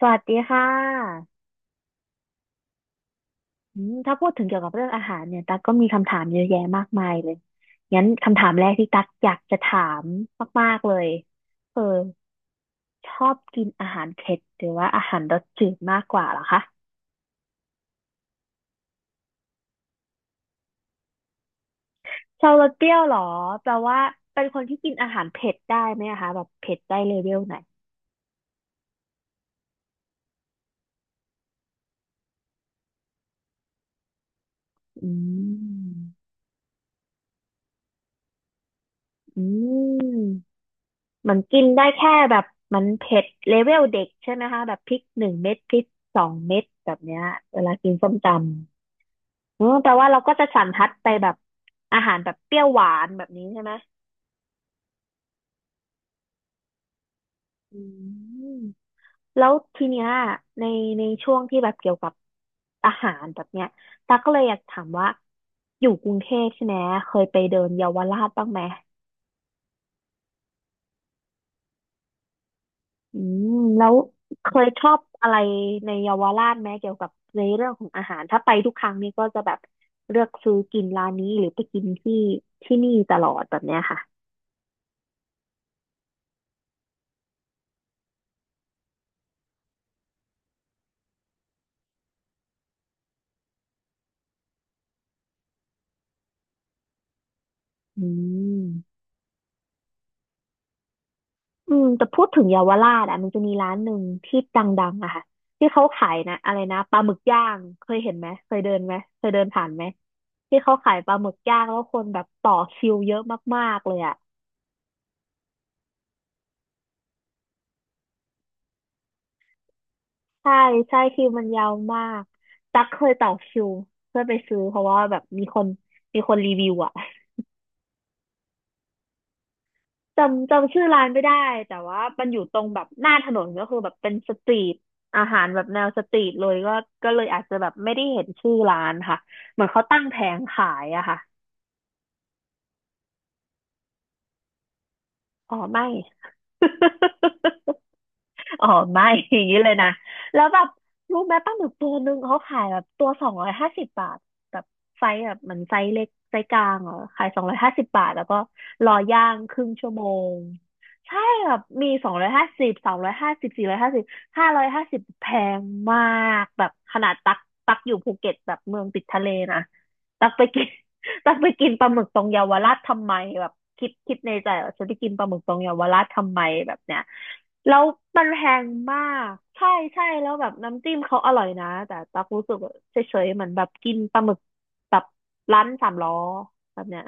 สวัสดีค่ะถ้าพูดถึงเกี่ยวกับเรื่องอาหารเนี่ยตั๊กก็มีคำถามเยอะแยะมากมายเลยงั้นคำถามแรกที่ตั๊กอยากจะถามมากๆเลยเออชอบกินอาหารเผ็ดหรือว่าอาหารรสจืดมากกว่าเหรอคะชอบรสเปรี้ยวเหรอแปลว่าเป็นคนที่กินอาหารเผ็ดได้ไหมอะคะแบบเผ็ดได้เลเวลไหนอืมอืม เหมือนกินได้แค่แบบมันเผ็ดเลเวลเด็กใช่ไหมคะแบบพริกหนึ่งเม็ดพริกสองเม็ดแบบเนี้ยเวลากินส้มตำแปลว่าเราก็จะสันทัดไปแบบอาหารแบบเปรี้ยวหวานแบบนี้ใช่ไหมอืมแล้วทีเนี้ยในในช่วงที่แบบเกี่ยวกับอาหารแบบเนี้ยตาก็เลยอยากถามว่าอยู่กรุงเทพใช่ไหมเคยไปเดินเยาวราชบ้างไหม อืมแล้วเคยชอบอะไรในเยาวราชไหมเกี่ยวกับในเรื่องของอาหารถ้าไปทุกครั้งนี่ก็จะแบบเลือกซื้อกินร้านนี้หรือไปกินที่ที่นี่ตลอดแบบเนี้ยค่ะอืมแต่พูดถึงเยาวราชอ่ะมันจะมีร้านหนึ่งที่ดังๆอะค่ะที่เขาขายนะอะไรนะปลาหมึกย่างเคยเห็นไหมเคยเดินไหมเคยเดินผ่านไหมที่เขาขายปลาหมึกย่างแล้วคนแบบต่อคิวเยอะมากๆเลยอะ ใช่ใช่คิวมันยาวมาก ตั๊กเคยต่อคิวเพื่อไปซื้อเพราะว่าแบบมีคนรีวิวอะ จำชื่อร้านไม่ได้แต่ว่ามันอยู่ตรงแบบหน้าถนนก็คือแบบเป็นสตรีทอาหารแบบแนวสตรีทเลยก็เลยอาจจะแบบไม่ได้เห็นชื่อร้านค่ะเหมือนเขาตั้งแผงขายอะค่ะอ๋อไม่ อ๋อไม่ อย่างนี้เลยนะแล้วแบบรู้ไหมปลาหมึกตัวหนึ่งเขาขายแบบตัวสองร้อยห้าสิบบาทแบบไซส์แบบเหมือนไซส์เล็กไซส์กลางเหรอขายสองร้อยห้าสิบบาทแล้วก็รอย่างครึ่งชั่วโมงใช่แบบมี250 250 450 550แพงมากแบบขนาดตักตักอยู่ภูเก็ตแบบเมืองติดทะเลนะตักไปกิน จะไปกินปลาหมึกตรงเยาวราชทำไมแบบคิดในใจว่าจะไปกินปลาหมึกตรงเยาวราชทำไมแบบเนี้ยแล้วมันแพงมากใช่ใช่แล้วแบบน้ำจิ้มเขาอร่อยนะแต่ตักรู้สึกว่าเฉยๆเหมือนแบบกินปลาหมึกแบบร้านสามล้อแบบเนี้ย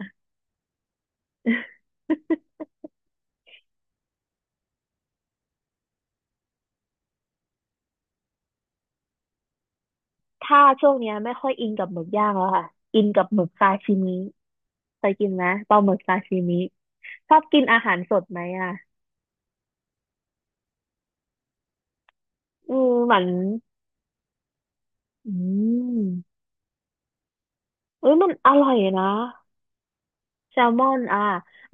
ถ้าช่วงเนี้ยไม่ค่อยอินกับหมึกย่างแล้วค่ะอินกับหมึกซาชิมิเคยกินไหมปลาหมึกซาชิมิชอบกินอาหารสดไหมอ่ะเหมือนอืมเอ้ยมันอร่อยนะ แซลมอนอ่า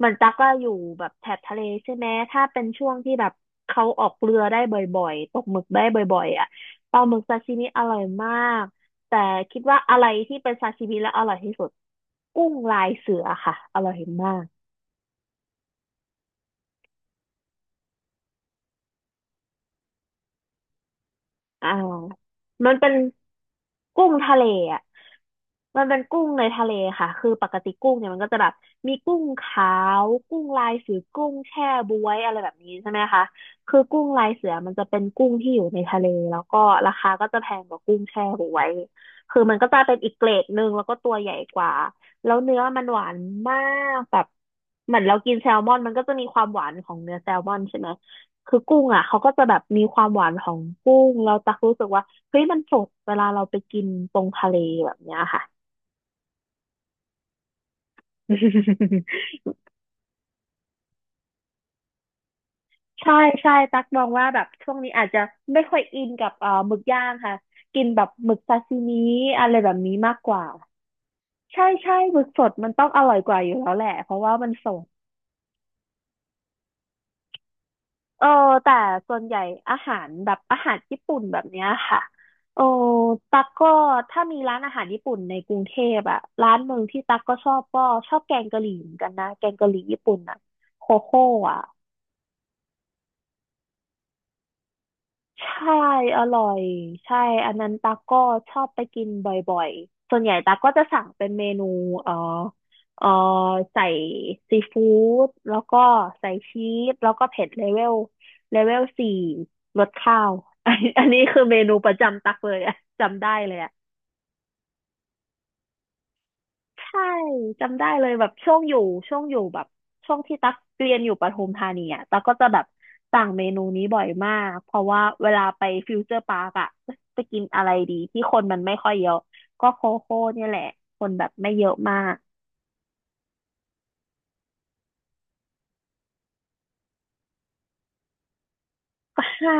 มันตักก็อยู่แบบแถบทะเลใช่ไหมถ้าเป็นช่วงที่แบบเขาออกเรือได้บ่อยๆตกหมึกได้บ่อยๆอ่ะปลาหมึกซาชิมิอร่อยมากแต่คิดว่าอะไรที่เป็นซาชิมิแล้วอร่อยที่สุดกุ้งลายเสือค่ะอร่อยมาก อ่ามันเป็นกุ้งทะเลอ่ะมันเป็นกุ้งในทะเลค่ะคือปกติกุ้งเนี่ยมันก็จะแบบมีกุ้งขาวกุ้งลายเสือกุ้งแช่บ๊วยอะไรแบบนี้ใช่ไหมคะคือกุ้งลายเสือมันจะเป็นกุ้งที่อยู่ในทะเลแล้วก็ราคาก็จะแพงกว่ากุ้งแช่บ๊วยคือมันก็จะเป็นอีกเกรดหนึ่งแล้วก็ตัวใหญ่กว่าแล้วเนื้อมันหวานมากแบบเหมือนเรากินแซลมอนมันก็จะมีความหวานของเนื้อแซลมอนใช่ไหม คือกุ้งอ่ะเขาก็จะแบบมีความหวานของกุ้งเราตักรู้สึกว่าเฮ้ยมันสดเวลาเราไปกินตรงทะเลแบบเนี้ยค่ะ ใช่ใช่ตักมองว่าแบบช่วงนี้อาจจะไม่ค่อยอินกับหมึกย่างค่ะกินแบบหมึกซาซิมิอะไรแบบนี้มากกว่าใช่ใช่หมึกสดมันต้องอร่อยกว่าอยู่แล้วแหละเพราะว่ามันสด เออแต่ส่วนใหญ่อาหารแบบอาหารญี่ปุ่นแบบเนี้ยค่ะโอ้ตั๊กก็ถ้ามีร้านอาหารญี่ปุ่นในกรุงเทพอะร้านหนึ่งที่ตั๊กก็ชอบก็ชอบแกงกะหรี่เหมือนกันนะแกงกะหรี่ญี่ปุ่นอะโคโค่อะ ใช่อร่อยใช่อันนั้นตาก็ชอบไปกินบ่อยๆ ส่วนใหญ่ตาก็จะสั่งเป็นเมนูเอ่อเอ่อใส่ซีฟู้ดแล้วก็ใส่ชีสแล้วก็เผ็ดเลเวลสี่รสข้าว อันนี้คือเมนูประจำตักเลยอะจำได้เลยอะ ใช่จำได้เลยแบบช่วงอยู่ช่วงอยู่แบบช่วงที่ตักเรียนอยู่ปทุมธานีอ่ะตักก็จะแบบสั่งเมนูนี้บ่อยมากเพราะว่าเวลาไปฟิวเจอร์ปาร์กอ่ะจะกินอะไรดีที่คนมันไม่ค่อยเยอะก็โคโค่เนี่ยแหละคนแบบไม่เยอะมาก ก็ห้า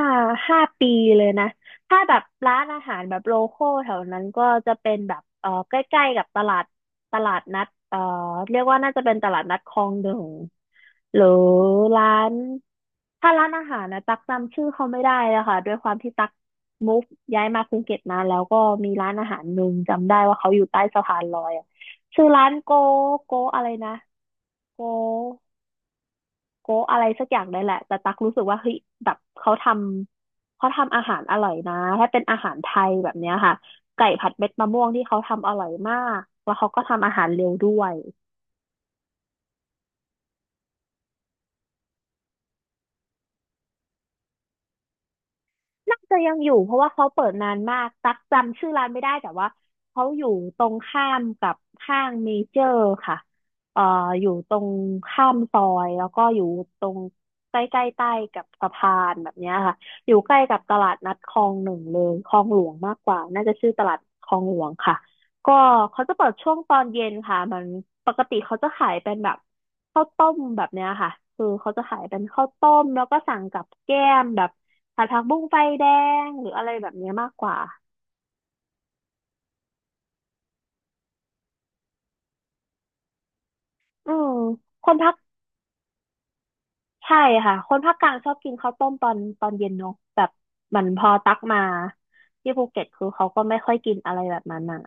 ห้าปีเลยนะถ้าแบบร้านอาหารแบบโลคอลแถวนั้นก็จะเป็นแบบเออใกล้ๆกับตลาดนัดเรียกว่าน่าจะเป็นตลาดนัดคลองหนึ่งหรือร้าน ถ้าร้านอาหารนะตักจำชื่อเขาไม่ได้แล้วค่ะด้วยความที่ตักมูฟย้ายมาภูเก็ตนานแล้วก็มีร้านอาหารหนึ่งจำได้ว่าเขาอยู่ใต้สะพานลอยอะชื่อร้านโกโกอะไรนะโกโกอะไรสักอย่างนี่นแหละแต่ตักรู้สึกว่าเฮ้ยแบบเขาทำอาหารอร่อยนะถ้าเป็นอาหารไทยแบบเนี้ยค่ะไก่ผัดเม็ดมะม่วงที่เขาทำอร่อยมากแล้วเขาก็ทำอาหารเร็วด้วย น่าจะยังอยู่เพราะว่าเขาเปิดนานมากตักจำชื่อร้านไม่ได้แต่ว่าเขาอยู่ตรงข้ามกับห้างเมเจอร์ค่ะเอ่ออยู่ตรงข้ามซอยแล้วก็อยู่ตรงใกล้ๆใต้กับสะพานแบบเนี้ยค่ะอยู่ใกล้กับตลาดนัดคลองหนึ่งเลยคลองหลวงมากกว่าน่าจะชื่อตลาดคลองหลวงค่ะ ก็เขาจะเปิดช่วงตอนเย็นค่ะมันปกติเขาจะขายเป็นแบบข้าวต้มแบบเนี้ยค่ะคือเขาจะขายเป็นข้าวต้มแล้วก็สั่งกับแก้มแบบผัดผักบุ้งไฟแดงหรืออะไรแบบเนี้ยมากกว่าอืมคนภาคใช่ค่ะคนภาคกลางชอบกินข้าวต้มตอนตอนเย็นเนาะแบบเหมันพอตักมาที่ภูเก็ตคือเขาก็ไม่ค่อยกินอะไรแบบนั้นอ่ะ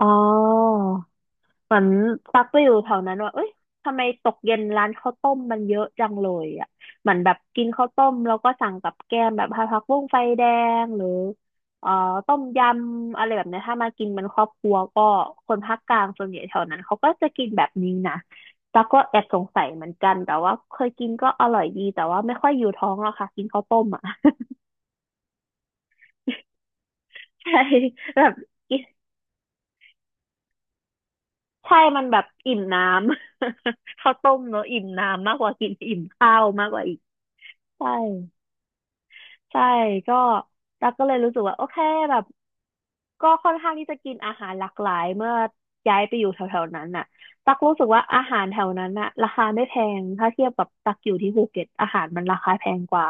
อ๋อ เหมือนตักไปอยู่แถวนั้นว่าเอ้ยทำไมตกเย็นร้านข้าวต้มมันเยอะจังเลยอ่ะเหมือนแบบกินข้าวต้มแล้วก็สั่งกับแกล้มแบบผักบุ้งไฟแดงหรือเอ่อต้มยำอะไรแบบเนี้ยถ้ามากินเป็นครอบครัวก็คนภาคกลางส่วนใหญ่แถวนั้นเขาก็จะกินแบบนี้นะตักก็แอบสงสัยเหมือนกันแต่ว่าเคยกินก็อร่อยดีแต่ว่าไม่ค่อยอยู่ท้องหรอกค่ะกินข้าวต้มอ่ะ ใช่แบบกินใช่มันแบบอิ่มน้ำ ข้าวต้มเนอะอิ่มน้ำมากกว่ากินอิ่มข้าวมากกว่าอีก ใช่ใช่ก็ตักก็เลยรู้สึกว่าโอเคแบบก็ค่อนข้างที่จะกินอาหารหลากหลายเมื่อย้ายไปอยู่แถวๆนั้นน่ะตักรู้สึกว่าอาหารแถวนั้นน่ะราคาไม่แพงถ้าเทียบกับตักอยู่ที่ภูเก็ตอาหารมันราคาแพงกว่า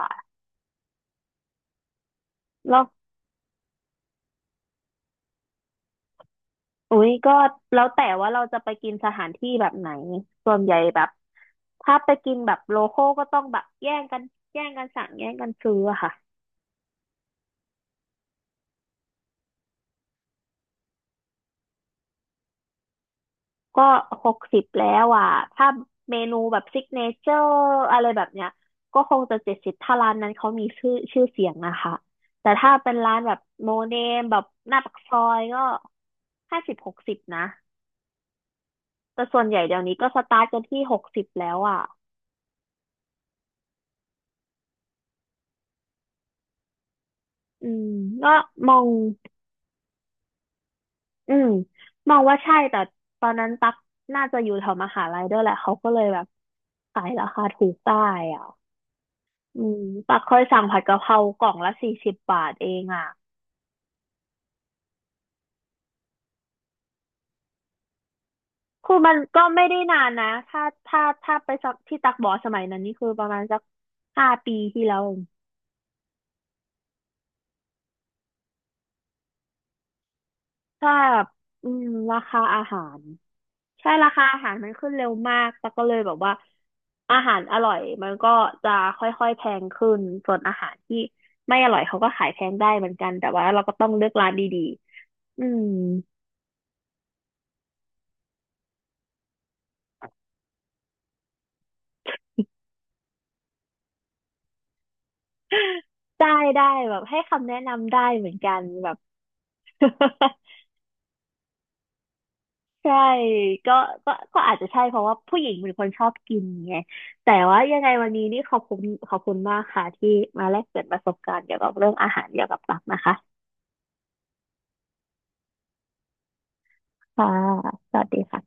แล้วอุ้ยก็แล้วแต่ว่าเราจะไปกินสถานที่แบบไหนส่วนใหญ่แบบถ้าไปกินแบบโลคอลก็ต้องแบบแย่งกันสั่งแย่งกันซื้ออะค่ะ ก็60แล้วอ่ะถ้าเมนูแบบซิกเนเจอร์อะไรแบบเนี้ยก็คงจะ70ถ้าร้านนั้นเขามีชื่อเสียงนะคะ แต่ถ้าเป็นร้านแบบโนเนมแบบหน้าปากซอยก็50-60นะ แต่ส่วนใหญ่เดี๋ยวนี้ก็สตาร์ทกันที่หกสิบแล้วอ่ะ อืม ก็มองอืมมองว่าใช่ แต่ตอนนั้นตักน่าจะอยู่แถวมหาลัยด้วยแหละเขาก็เลยแบบขายราคาถูกได้อ่ะ อืมปักเคยสั่งผัดกะเพรากล่องละ40 บาทเองอ่ะคือมันก็ไม่ได้นานนะถ้าไปสักที่ตักบอสมัยนั้นนี่คือประมาณสักห้าปีที่แล้วถ้าอืมราคาอาหารราคาอาหารมันขึ้นเร็วมากตักก็เลยแบบว่าอาหารอร่อยมันก็จะค่อยๆแพงขึ้นส่วนอาหารที่ไม่อร่อยเขาก็ขายแพงได้เหมือนกันแต่ว่าเราก็ต้องเลือกร้านดีๆอืมได้ได้แบบให้คำแนะนำได้เหมือนกันแบบ ใช่ก็ก็อาจจะใช่เพราะว่าผู้หญิงเป็นคนชอบกินไงแต่ว่ายังไงวันนี้นี่ขอบคุณขอบคุณมากค่ะที่มาแลกเปลี่ยนประสบการณ์เกี่ยวกับเรื่องอาหารเกี่ยวกับตับนะคะ ค่ะ สวัสดีค่ะ